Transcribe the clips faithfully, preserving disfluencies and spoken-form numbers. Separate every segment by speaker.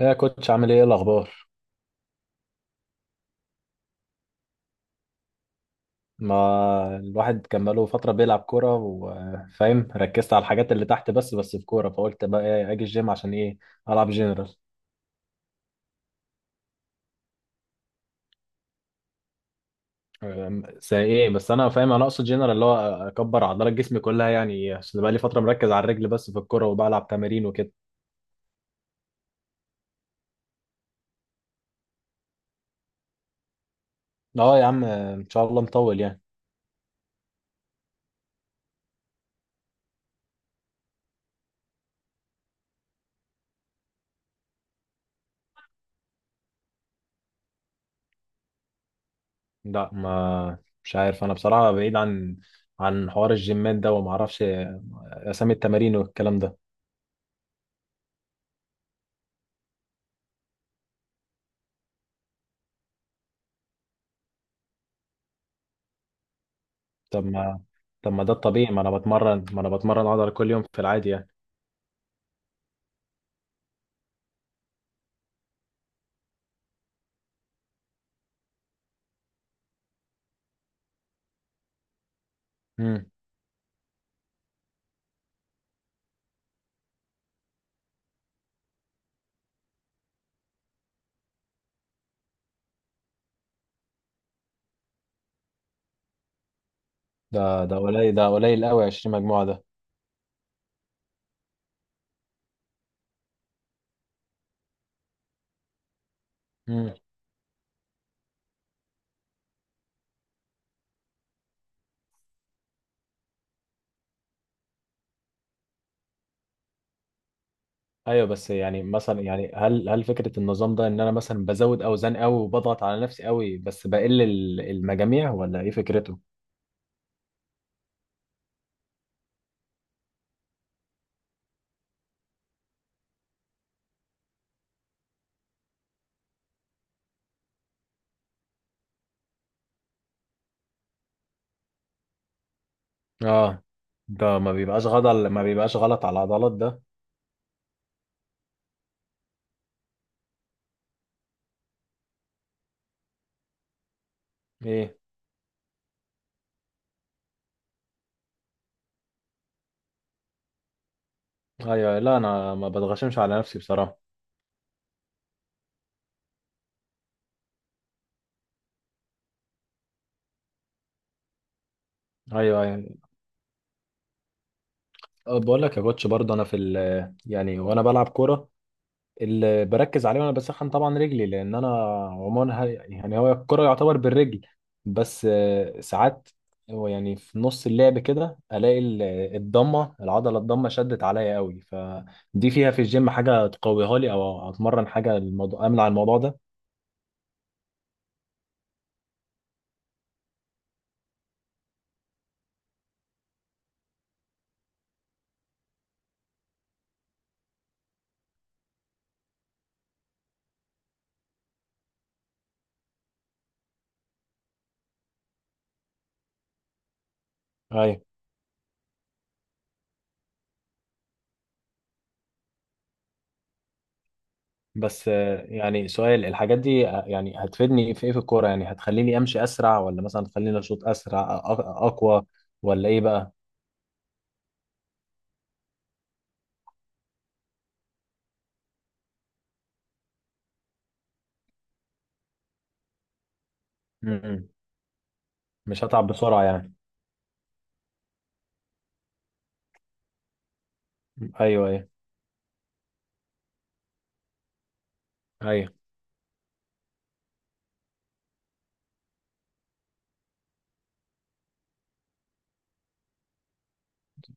Speaker 1: ايه يا كوتش، عامل ايه؟ إيه الاخبار؟ ما الواحد كان بقاله فتره بيلعب كوره وفاهم ركزت على الحاجات اللي تحت بس، بس في كوره فقلت بقى إيه، اجي الجيم عشان ايه؟ العب جنرال. أم، زي ايه؟ بس انا فاهم، انا اقصد جنرال اللي هو اكبر عضلات جسمي كلها، يعني عشان بقى لي فتره مركز على الرجل بس في الكوره وبلعب تمارين وكده. اه يا عم ان شاء الله مطول يعني. لا، ما مش عارف انا بصراحه، بعيد عن عن حوار الجيمات ده وما اعرفش اسامي التمارين والكلام ده. طب ما طب ما ده الطبيعي، ما انا بتمرن، ما انا بتمرن عضله كل يوم في العادي يعني. امم ده ده قليل، ده قليل قوي عشرين مجموعه ده. امم ايوه بس يعني مثلا يعني هل هل فكره النظام ده ان انا مثلا بزود اوزان قوي وبضغط على نفسي قوي بس بقل ال- المجاميع ولا ايه فكرته؟ اه ده ما بيبقاش غلط ما بيبقاش غلط على العضلات ده؟ ايه؟ ايوه، لا انا ما بتغشمش على نفسي بصراحه. ايوه، ايوه. أه، بقول لك يا كوتش برضه انا في ال يعني وانا بلعب كوره، اللي بركز عليه وانا بسخن طبعا رجلي لان انا عموما ه- يعني هو الكرة يعتبر بالرجل، بس آه، ساعات هو يعني في نص اللعب كده الاقي ال- الضمه، العضله الضمه شدت عليا قوي، فدي فيها في الجيم حاجه تقويها لي او اتمرن حاجه الموضوع امنع الموضوع ده؟ ايوه بس آه، يعني سؤال، الحاجات دي آه، يعني هتفيدني في ايه في الكوره؟ يعني هتخليني امشي اسرع ولا مثلا تخليني اشوط اسرع أ- أ- اقوى، ولا ايه بقى؟ م- م. مش هتعب بسرعه يعني. ايوه، ايوه. ايوه.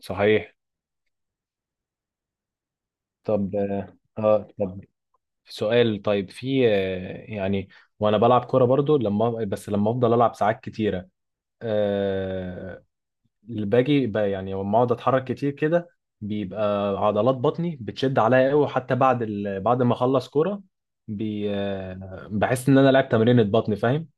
Speaker 1: صحيح. طب اه، آه، طب سؤال، طيب في آه، يعني وانا بلعب كوره برضو، لما بس لما افضل العب ساعات كتيره، أه، اللي باجي ب- يعني لما اقعد اتحرك كتير كده بيبقى عضلات بطني بتشد عليا قوي، حتى بعد ال... بعد ما اخلص كوره بي... آه، بحس ان انا لعبت تمرينة بطن، فاهم؟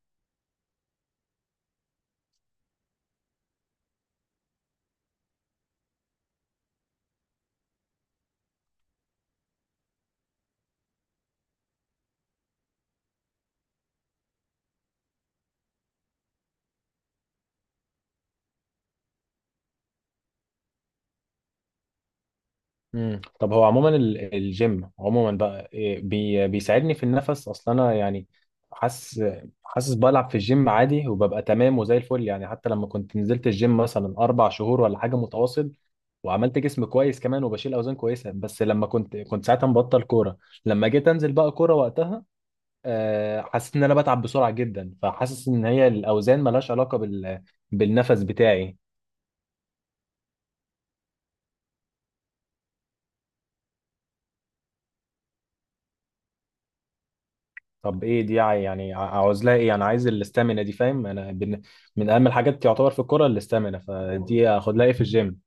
Speaker 1: مم. طب هو عموما ال- الجيم عموما بقى إيه، بي بيساعدني في النفس اصلا انا يعني؟ حاسس، حاسس بلعب في الجيم عادي وببقى تمام وزي الفل يعني. حتى لما كنت نزلت الجيم مثلا اربع شهور ولا حاجه متواصل وعملت جسم كويس كمان وبشيل اوزان كويسه، بس لما كنت كنت ساعتها مبطل كوره، لما جيت انزل بقى كوره وقتها آه، حسيت ان انا بتعب بسرعه جدا، فحاسس ان هي الاوزان ملهاش علاقه بال بالنفس بتاعي. طب ايه دي يعني؟ يعني عاوز لها ايه انا؟ عايز الاستامينا دي، فاهم؟ انا بن- من اهم الحاجات تعتبر في الكوره الاستامينا، فدي اخد لها ايه في الجيم؟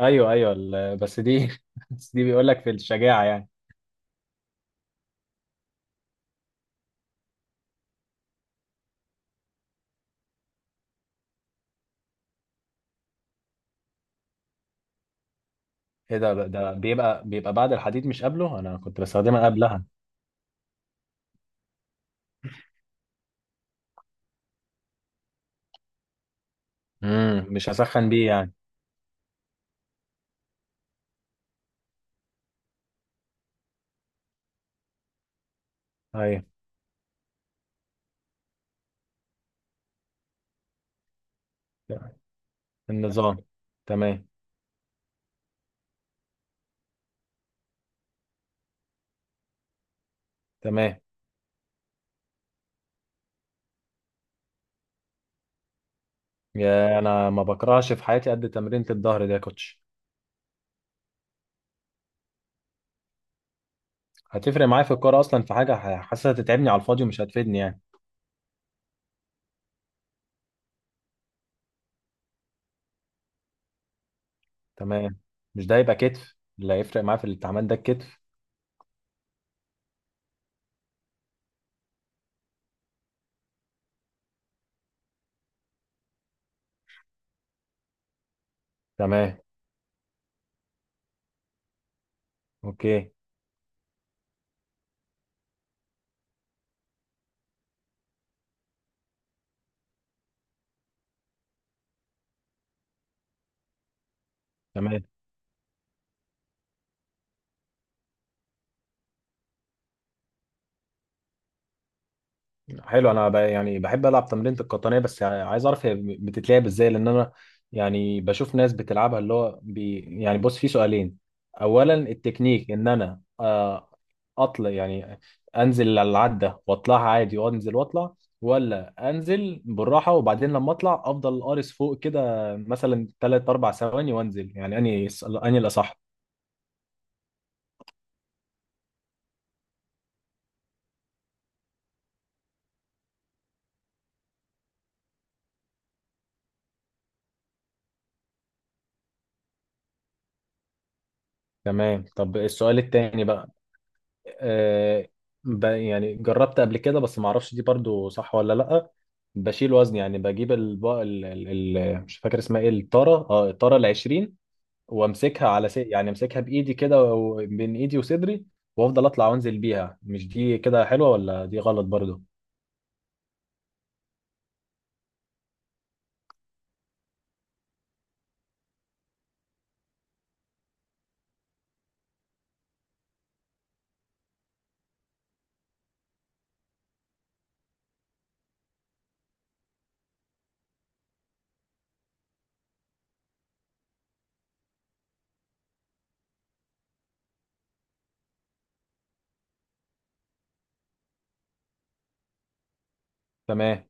Speaker 1: ايوه ايوه ال- بس دي بس دي بيقول لك في الشجاعه يعني. ايه ده، ده بيبقى بيبقى بعد الحديد مش قبله؟ انا كنت بستخدمها قبلها. امم مش هسخن بيه يعني؟ ايوه. النظام. تمام. تمام. يا انا ما بكرهش في حياتي قد تمرينة الظهر ده يا كوتش. هتفرق معايا في الكوره اصلا؟ في حاجه ح- حاسسها تتعبني على الفاضي ومش هتفيدني يعني. تمام. مش ده يبقى كتف اللي هيفرق معاه في التعامل ده، الكتف؟ تمام. اوكي. تمام. حلو، انا ب... يعني بحب العب تمرينة القطنية، بس يعني عايز اعرف هي بتتلعب ازاي، لان انا يعني بشوف ناس بتلعبها اللي هو بي... يعني بص، في سؤالين. اولا التكنيك، ان انا آه، اطلع يعني انزل على العدة واطلعها عادي وانزل واطلع، ولا انزل بالراحة وبعدين لما اطلع افضل قارس فوق كده مثلا ثلاثة أربعة ثواني وانزل، يعني اني اني الاصح؟ تمام. طب السؤال التاني بقى، آه، ب... يعني جربت قبل كده بس ما اعرفش دي برضو صح ولا لا، بشيل وزن يعني بجيب الب... ال... ال... ال... مش فاكر اسمها ايه، الطارة، اه الطارة ال عشرين، وامسكها على س... يعني امسكها بايدي كده و... بين ايدي وصدري وافضل اطلع وانزل بيها، مش دي كده حلوة ولا دي غلط برضو؟ تمام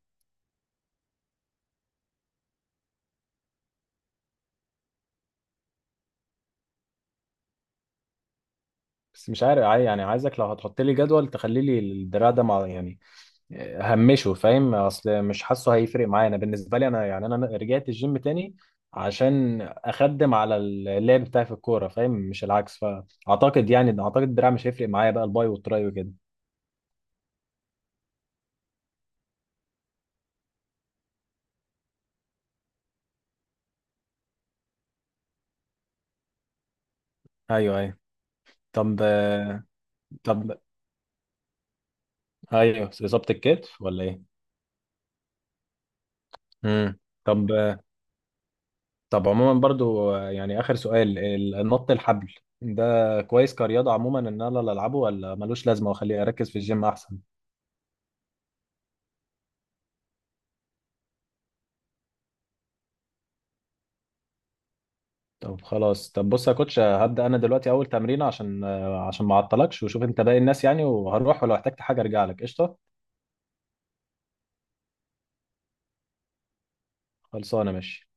Speaker 1: بس مش عارف عاي- يعني عايزك لو هتحط لي جدول تخلي لي الدراع ده مع يعني همشه، فاهم؟ اصل مش حاسه هيفرق معايا انا، بالنسبه لي انا يعني انا رجعت الجيم تاني عشان اخدم على اللعب بتاعي في الكوره، فاهم؟ مش العكس. فاعتقد يعني اعتقد الدراع مش هيفرق معايا بقى، الباي والتراي وكده. ايوه، ايوه. طب آه، طب، ايوه اصابه الكتف ولا ايه؟ امم طب آه، طب عموما برضو آه، يعني اخر سؤال، ال- النط الحبل ده كويس كرياضه عموما ان انا العبه، ولا ملوش لازمه واخليه اركز في الجيم احسن؟ طب خلاص، طب بص يا كوتش، هبدأ انا دلوقتي اول تمرين عشان آه، عشان ما اعطلكش وشوف انت باقي الناس يعني، وهروح ولو احتجت حاجة ارجع لك، قشطة؟ خلصانة، ماشي.